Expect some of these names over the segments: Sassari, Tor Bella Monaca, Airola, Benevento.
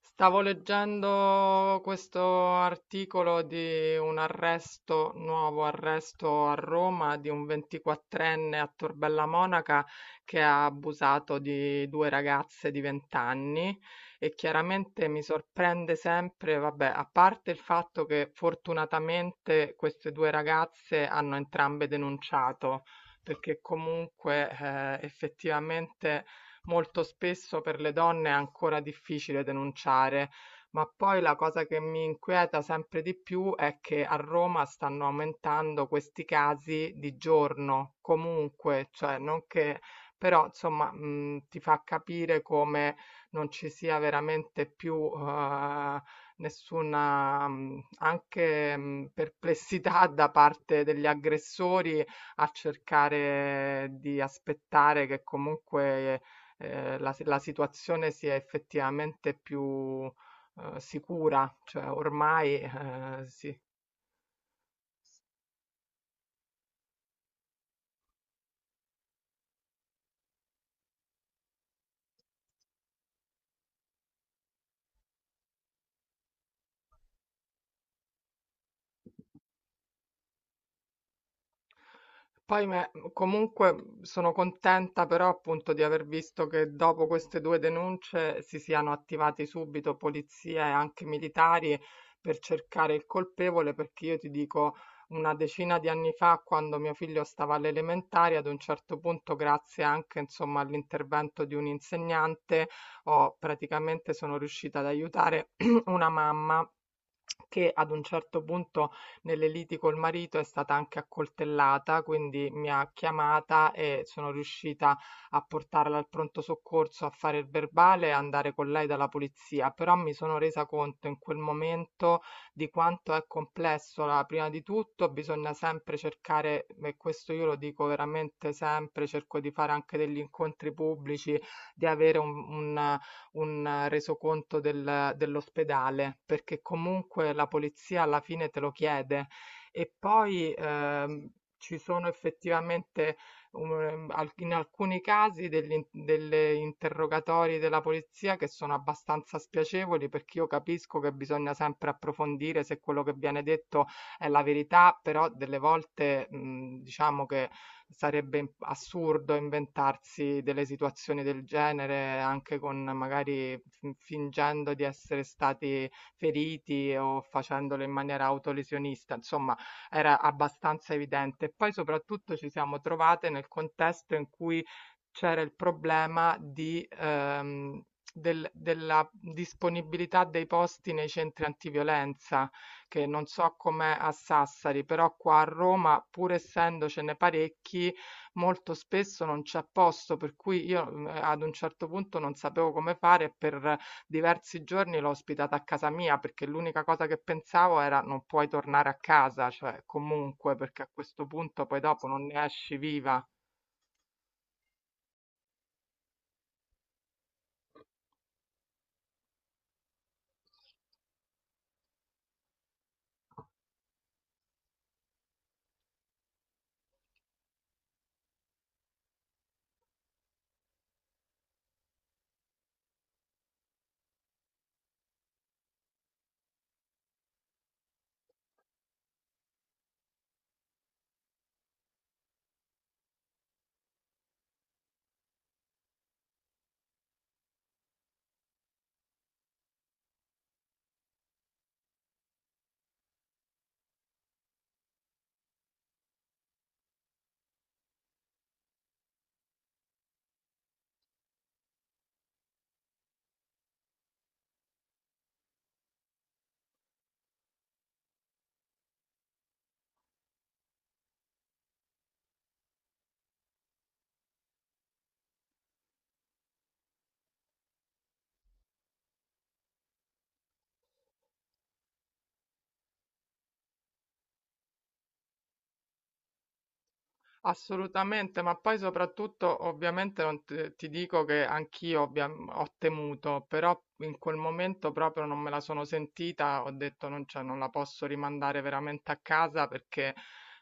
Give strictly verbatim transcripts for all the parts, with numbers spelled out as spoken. Stavo leggendo questo articolo di un arresto, nuovo arresto a Roma di un ventiquattrenne a Tor Bella Monaca che ha abusato di due ragazze di vent'anni e chiaramente mi sorprende sempre, vabbè, a parte il fatto che fortunatamente queste due ragazze hanno entrambe denunciato, perché comunque eh, effettivamente molto spesso per le donne è ancora difficile denunciare. Ma poi la cosa che mi inquieta sempre di più è che a Roma stanno aumentando questi casi di giorno, comunque, cioè non che, però insomma, mh, ti fa capire come non ci sia veramente più eh, nessuna mh, anche mh, perplessità da parte degli aggressori a cercare di aspettare che comunque eh, la, si- la situazione sia effettivamente più eh, sicura, cioè ormai eh, si. Poi me- comunque sono contenta però appunto di aver visto che dopo queste due denunce si siano attivati subito polizia e anche militari per cercare il colpevole, perché io ti dico una decina di anni fa, quando mio figlio stava alle elementari, ad un certo punto, grazie anche insomma all'intervento di un insegnante, ho praticamente sono riuscita ad aiutare una mamma che ad un certo punto nelle liti col marito è stata anche accoltellata, quindi mi ha chiamata e sono riuscita a portarla al pronto soccorso, a fare il verbale e andare con lei dalla polizia, però mi sono resa conto in quel momento di quanto è complesso. La- prima di tutto bisogna sempre cercare, e questo io lo dico veramente sempre, cerco di fare anche degli incontri pubblici, di avere un, un, un eh, resoconto del- dell'ospedale, perché comunque la polizia alla fine te lo chiede. E poi ehm, ci sono effettivamente um, al- in alcuni casi degli, in- delle interrogatori della polizia che sono abbastanza spiacevoli perché io capisco che bisogna sempre approfondire se quello che viene detto è la verità, però delle volte, mhmm, diciamo che sarebbe im assurdo inventarsi delle situazioni del genere anche con magari fin fingendo di essere stati feriti o facendolo in maniera autolesionista, insomma era abbastanza evidente. E poi soprattutto ci siamo trovate nel contesto in cui c'era il problema di ehm, del della disponibilità dei posti nei centri antiviolenza che non so com'è a Sassari, però qua a Roma, pur essendocene parecchi, molto spesso non c'è posto, per cui io mm, ad un certo punto non sapevo come fare e per diversi giorni l'ho ospitata a casa mia perché l'unica cosa che pensavo era non puoi tornare a casa, cioè comunque, perché a questo punto poi dopo non ne esci viva. Assolutamente, ma poi soprattutto ovviamente non te- ti dico che anch'io ovvia- ho temuto, però in quel momento proprio non me la sono sentita, ho detto non, cioè, non la posso rimandare veramente a casa perché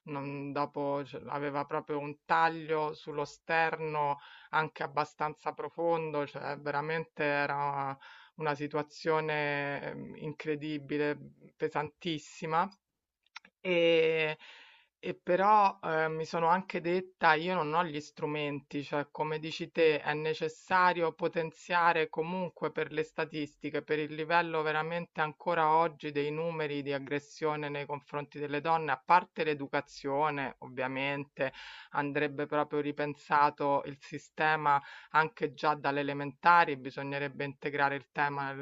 non- dopo cioè, aveva proprio un taglio sullo sterno anche abbastanza profondo, cioè veramente era una situazione ehm, incredibile, pesantissima. E, e però eh, mi sono anche detta, io non ho gli strumenti, cioè come dici te, è necessario potenziare comunque per le statistiche, per il livello veramente ancora oggi dei numeri di aggressione nei confronti delle donne, a parte l'educazione, ovviamente, andrebbe proprio ripensato il sistema anche già dalle elementari, bisognerebbe integrare il tema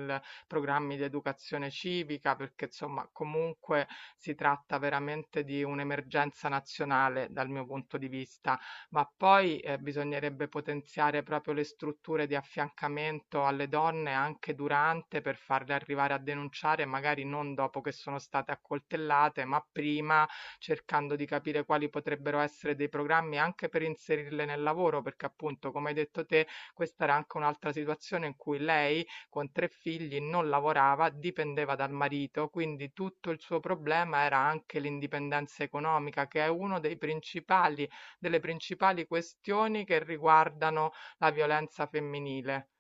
programmi di educazione civica, perché insomma comunque si tratta veramente di un'emergenza nazionale dal mio punto di vista, ma poi eh, bisognerebbe potenziare proprio le strutture di affiancamento alle donne anche durante per farle arrivare a denunciare, magari non dopo che sono state accoltellate, ma prima cercando di capire quali potrebbero essere dei programmi anche per inserirle nel lavoro, perché appunto, come hai detto te, questa era anche un'altra situazione in cui lei con tre figli non lavorava, dipendeva dal marito, quindi tutto il suo problema era anche l'indipendenza economica, che è uno dei principali delle principali questioni che riguardano la violenza femminile,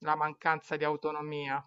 la mancanza di autonomia.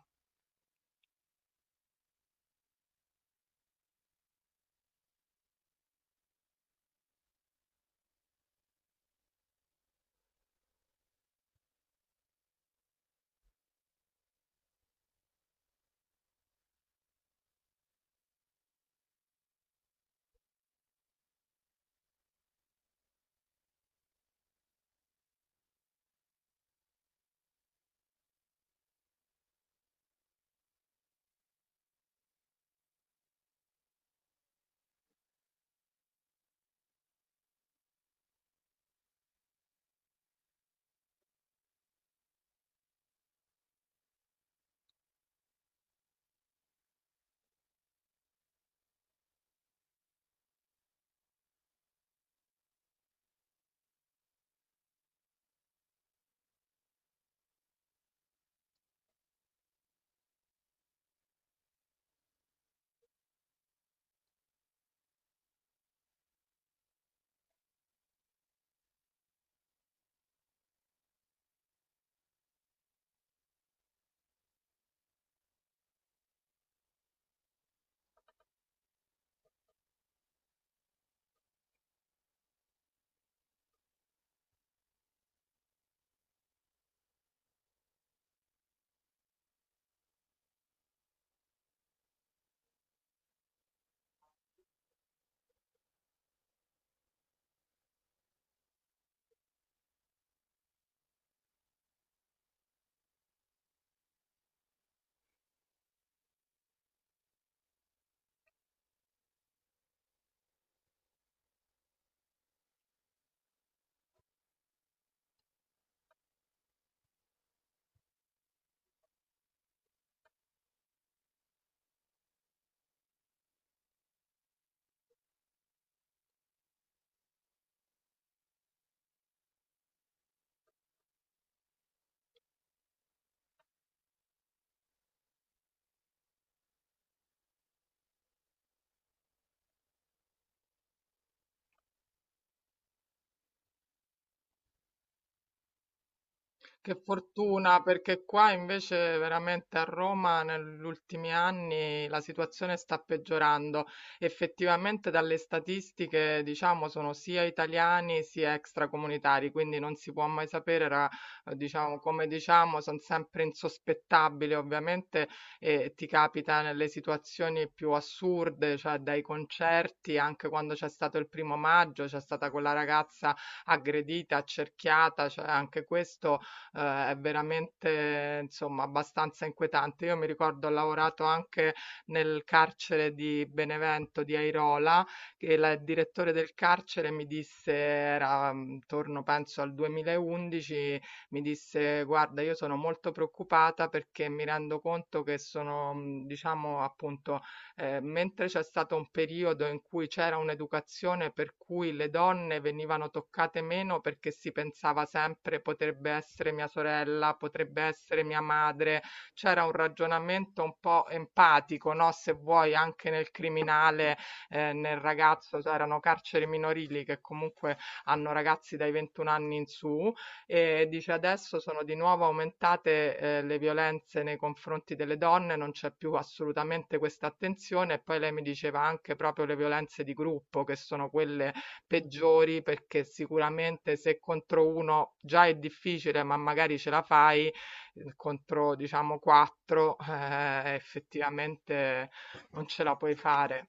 Che fortuna, perché qua invece veramente a Roma negli ultimi anni la situazione sta peggiorando. Effettivamente dalle statistiche, diciamo, sono sia italiani sia extracomunitari, quindi non si può mai sapere, ra- eh, diciamo, come diciamo, sono sempre insospettabili, ovviamente, e ti capita nelle situazioni più assurde, cioè dai concerti, anche quando c'è stato il primo maggio, c'è stata quella ragazza aggredita, accerchiata, cioè anche questo eh, è veramente insomma abbastanza inquietante. Io mi ricordo ho lavorato anche nel carcere di Benevento di Airola che la- il direttore del carcere mi disse, era mm, intorno penso al duemilaundici, mi disse guarda io sono molto preoccupata perché mi rendo conto che sono mm, diciamo appunto eh, mentre c'è stato un periodo in cui c'era un'educazione per cui le donne venivano toccate meno perché si pensava sempre potrebbe essere mia sorella, potrebbe essere mia madre, c'era un ragionamento un po' empatico, no? Se vuoi, anche nel criminale, eh, nel ragazzo, c'erano carceri minorili che comunque hanno ragazzi dai ventun anni in su e dice adesso sono di nuovo aumentate, ehm, le violenze nei confronti delle donne, non c'è più assolutamente questa attenzione. E poi lei mi diceva anche proprio le violenze di gruppo, che sono quelle peggiori, perché sicuramente se contro uno già è difficile, ma magari ce la fai, uhm, contro diciamo quattro, eh, effettivamente non ce la puoi fare.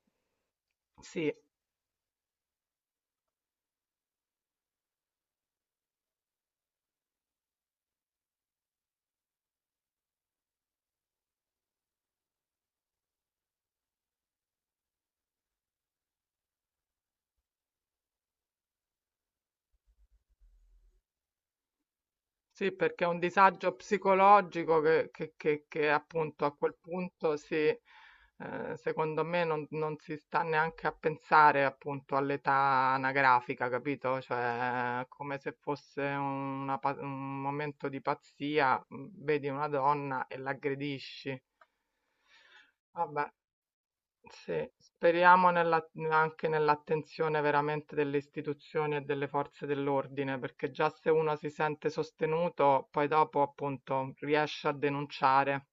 Sì. Sì, perché è un disagio psicologico che, che- che- che appunto a quel punto si, eh, secondo me non, non si sta neanche a pensare appunto all'età anagrafica, capito? Cioè, è come se fosse una pa- un momento di pazzia, mm, vedi una donna e l'aggredisci. Vabbè. Sì, speriamo nella anche nell'attenzione veramente delle istituzioni e delle forze dell'ordine, perché già se uno si sente sostenuto, poi dopo appunto riesce a denunciare.